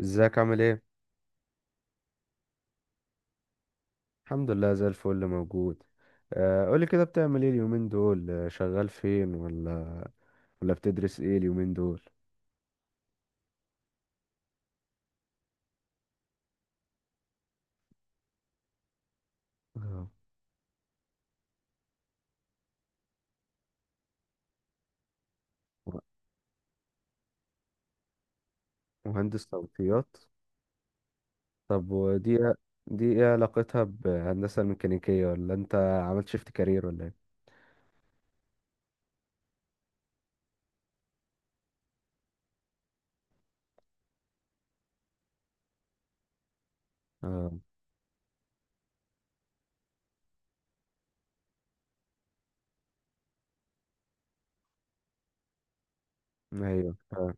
ازيك عامل ايه؟ الحمد لله زي الفل موجود. قولي كده بتعمل ايه اليومين دول؟ شغال فين ولا ولا بتدرس ايه اليومين دول؟ آه، مهندس صوتيات؟ طب ودي دي ايه علاقتها بهندسة الميكانيكية، ولا انت عملت شيفت كارير ولا ايه؟ اه. ايوه،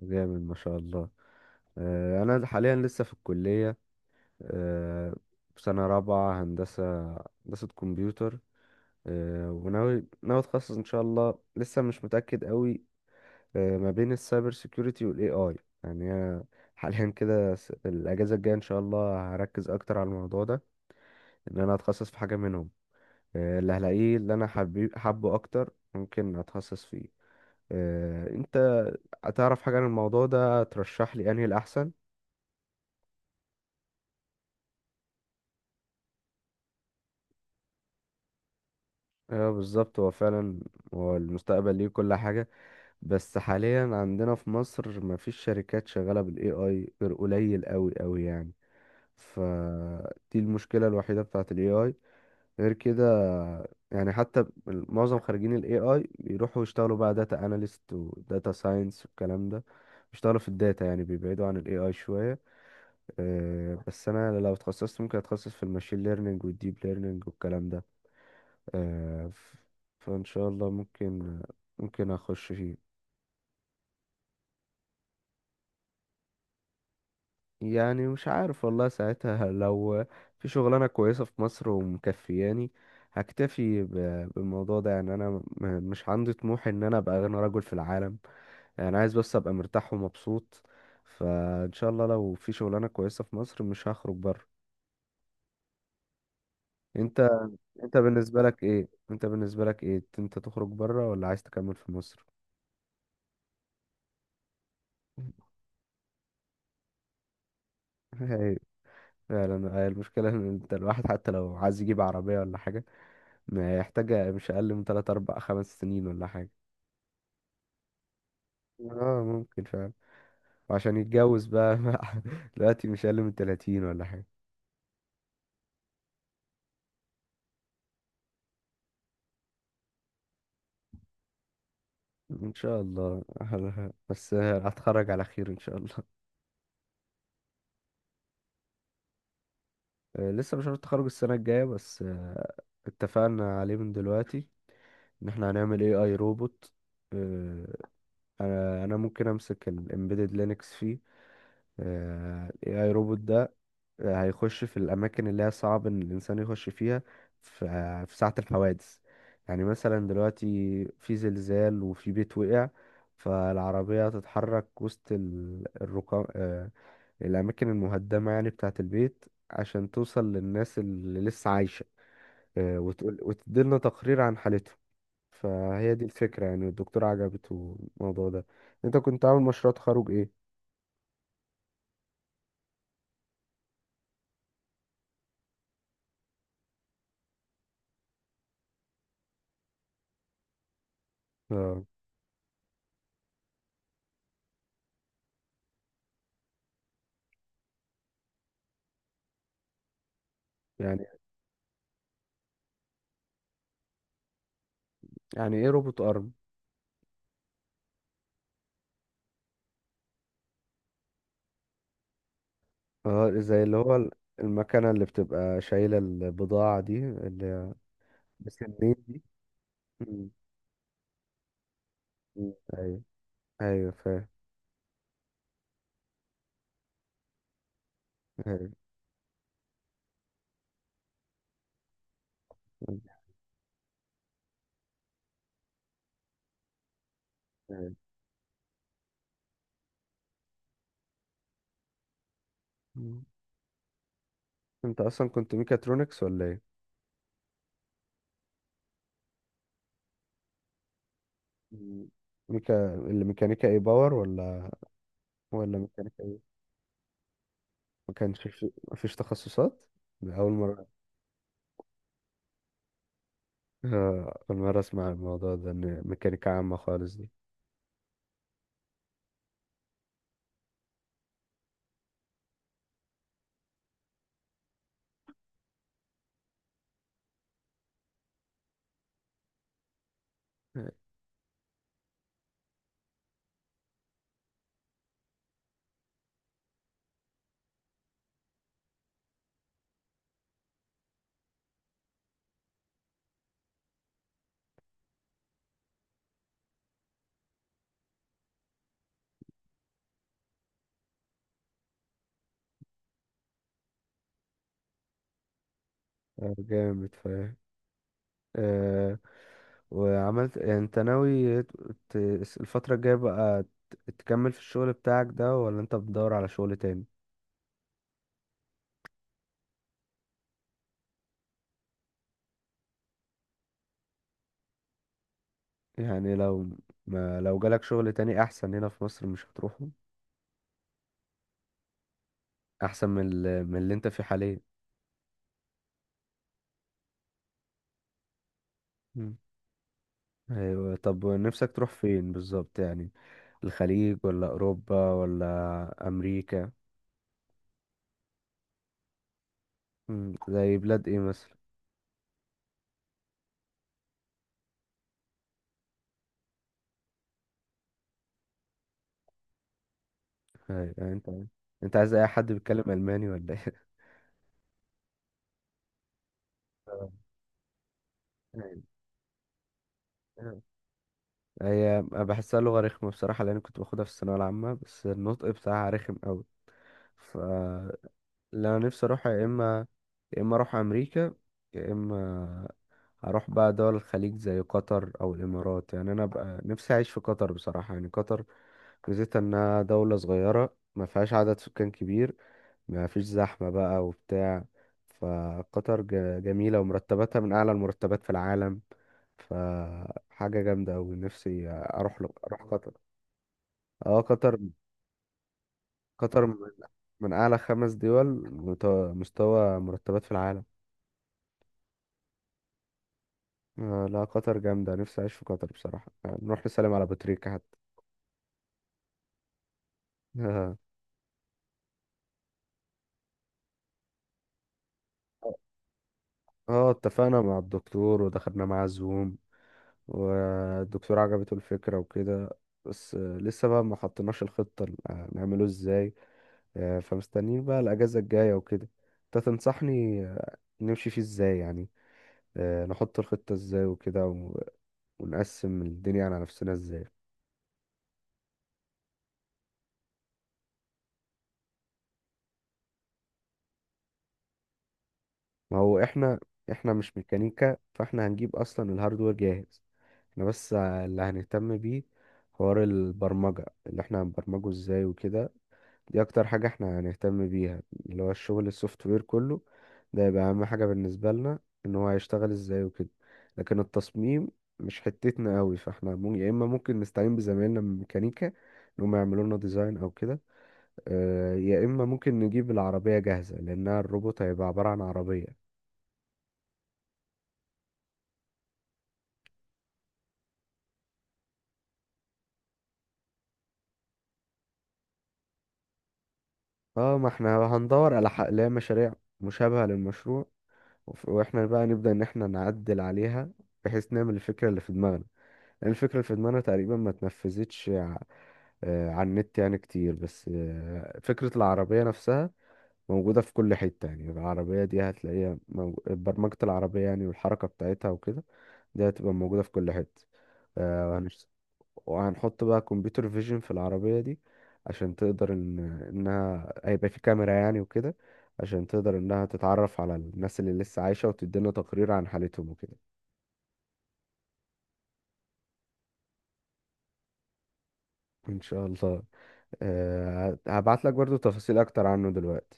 جامد ما شاء الله. انا حاليا لسه في الكلية، آه، في سنة رابعة هندسة، هندسة كمبيوتر. وناوي اتخصص ان شاء الله، لسه مش متأكد قوي، ما بين السايبر سيكيورتي والاي اي. يعني أنا حاليا كده الاجازه الجايه ان شاء الله هركز اكتر على الموضوع ده، ان انا اتخصص في حاجه منهم، اللي هلاقيه اللي انا حابه اكتر ممكن اتخصص فيه. انت هتعرف حاجه عن الموضوع ده ترشح لي انهي الاحسن؟ اه بالظبط، هو فعلا هو المستقبل ليه كل حاجه. بس حاليا عندنا في مصر مفيش شركات شغاله بالاي اي غير قليل قوي قوي يعني. فدي المشكلة الوحيدة بتاعة ال AI. غير كده يعني حتى معظم خريجين ال AI بيروحوا يشتغلوا بقى داتا analyst و data science والكلام ده. بيشتغلوا في الداتا يعني بيبعدوا عن ال AI شوية. بس أنا لو اتخصصت ممكن أتخصص في الماشين ليرنينج والديب ليرنينج والكلام ده. آه، ف- فإن شاء الله ممكن أخش فيه. يعني مش عارف والله، ساعتها لو في شغلانة كويسة في مصر ومكفياني هكتفي بالموضوع ده يعني، مش عندي طموح ان انا ابقى اغنى رجل في العالم، يعني عايز بس ابقى مرتاح ومبسوط. فان شاء الله لو في شغلانة كويسة في مصر مش هخرج بره. انت انت بالنسبة لك ايه انت بالنسبة لك ايه، انت تخرج بره ولا عايز تكمل في مصر؟ هي فعلا هي المشكلة ان انت الواحد حتى لو عايز يجيب عربية ولا حاجة، محتاجة مش أقل من تلات أربع خمس سنين ولا حاجة. اه ممكن فعلا. وعشان يتجوز بقى دلوقتي مش أقل من تلاتين ولا حاجة. إن شاء الله. بس هتخرج على خير إن شاء الله. لسه مش عارف، التخرج السنة الجاية بس اتفقنا عليه من دلوقتي، إن احنا هنعمل اي اي روبوت. آه، أنا ممكن أمسك الامبيدد لينكس فيه. الاي اي روبوت ده هيخش في الأماكن اللي هي صعب إن الإنسان يخش فيها. ف- في ساعة الحوادث يعني، مثلا دلوقتي في زلزال وفي بيت وقع، فالعربية هتتحرك وسط الركام، الأماكن المهدمة يعني بتاعة البيت، عشان توصل للناس اللي لسه عايشة، وتقول وتديلنا تقرير عن حالتهم. فهي دي الفكرة يعني، الدكتور عجبته الموضوع ده. انت كنت عامل مشروع تخرج ايه؟ اه. يعني يعني ايه روبوت ارم؟ اه زي اللي هو المكنة اللي بتبقى شايلة البضاعة دي اللي هي بسنين دي. مم. مم. ايوه، ايوه فاهم. ايوه. مم. أيوة. مم. انت اصلا كنت ميكاترونكس ولا ايه؟ مم. ميكا اللي ميكانيكا ايه باور ولا ولا ميكانيكا ايه؟ ما كانش في، مفيش تخصصات؟ ده أول مرة. أول مرة أسمع الموضوع ده إن ميكانيكا عامة خالص دي. جامد فاهم. آه، وعملت يعني انت ناوي ت- الفترة الجاية بقى تكمل في الشغل بتاعك ده ولا انت بتدور على شغل تاني؟ يعني لو ما لو جالك شغل تاني احسن هنا في مصر مش هتروحه؟ احسن من من اللي انت فيه حاليا. مم. ايوه، طب نفسك تروح فين بالظبط يعني، الخليج ولا اوروبا ولا امريكا؟ زي بلاد ايه مثلا؟ أيوة، يعني انت عايز اي حد بيتكلم الماني ولا ايه؟ أيوة. هي بحسها لغة رخمة بصراحة لأن كنت باخدها في الثانوية العامة، بس النطق بتاعها رخم أوي. ف اللي أنا نفسي أروحها يا إما يا إما أروح أمريكا، يا إما أروح بقى دول الخليج زي قطر أو الإمارات. يعني أنا بقى نفسي أعيش في قطر بصراحة، يعني قطر ميزتها إنها دولة صغيرة، ما فيهاش عدد سكان كبير، ما فيش زحمة بقى وبتاع. فقطر جميلة ومرتباتها من أعلى المرتبات في العالم، فحاجة جامدة أوي، نفسي أروح أروح قطر. اه قطر. قطر من من اعلى خمس دول، مت- مستوى مرتبات في العالم. آه لا قطر جامدة، نفسي اعيش في قطر بصراحة، آه نروح نسلم على بطريقة حتى. اه. اتفقنا مع الدكتور ودخلنا معاه زوم، والدكتور عجبته الفكرة وكده. بس لسه بقى ما حطيناش الخطة نعمله ازاي. فمستنيين بقى الأجازة الجاية وكده. انت تنصحني نمشي فيه ازاي يعني، نحط الخطة ازاي وكده ونقسم الدنيا على نفسنا ازاي؟ ما هو احنا مش ميكانيكا، فاحنا هنجيب اصلا الهاردوير جاهز. احنا بس اللي هنهتم بيه حوار البرمجة، اللي احنا هنبرمجه ازاي وكده. دي اكتر حاجة احنا هنهتم بيها، اللي هو الشغل السوفت وير كله. ده يبقى اهم حاجة بالنسبة لنا، ان هو هيشتغل ازاي وكده. لكن التصميم مش حتتنا قوي، فاحنا يا اما ممكن نستعين بزمايلنا من ميكانيكا ان هم يعملوا لنا ديزاين او كده، يا اما ممكن نجيب العربية جاهزة لانها الروبوت هيبقى عبارة عن عربية. اه ما احنا هندور على حق اللي هي مشاريع مشابهة للمشروع، واحنا بقى نبدأ ان احنا نعدل عليها بحيث نعمل الفكرة اللي في دماغنا، لان الفكرة اللي في دماغنا تقريبا ما اتنفذتش على النت يعني كتير. بس فكرة العربية نفسها موجودة في كل حتة. يعني العربية دي هتلاقيها برمجة العربية يعني والحركة بتاعتها وكده، دي هتبقى موجودة في كل حتة. آه وهنش- وهنحط بقى كمبيوتر فيجن في العربية دي عشان تقدر ان انها هيبقى في كاميرا يعني وكده، عشان تقدر انها تتعرف على الناس اللي لسه عايشة وتدينا تقرير عن حالتهم وكده. ان شاء الله. أه هبعت لك برضو تفاصيل اكتر عنه دلوقتي.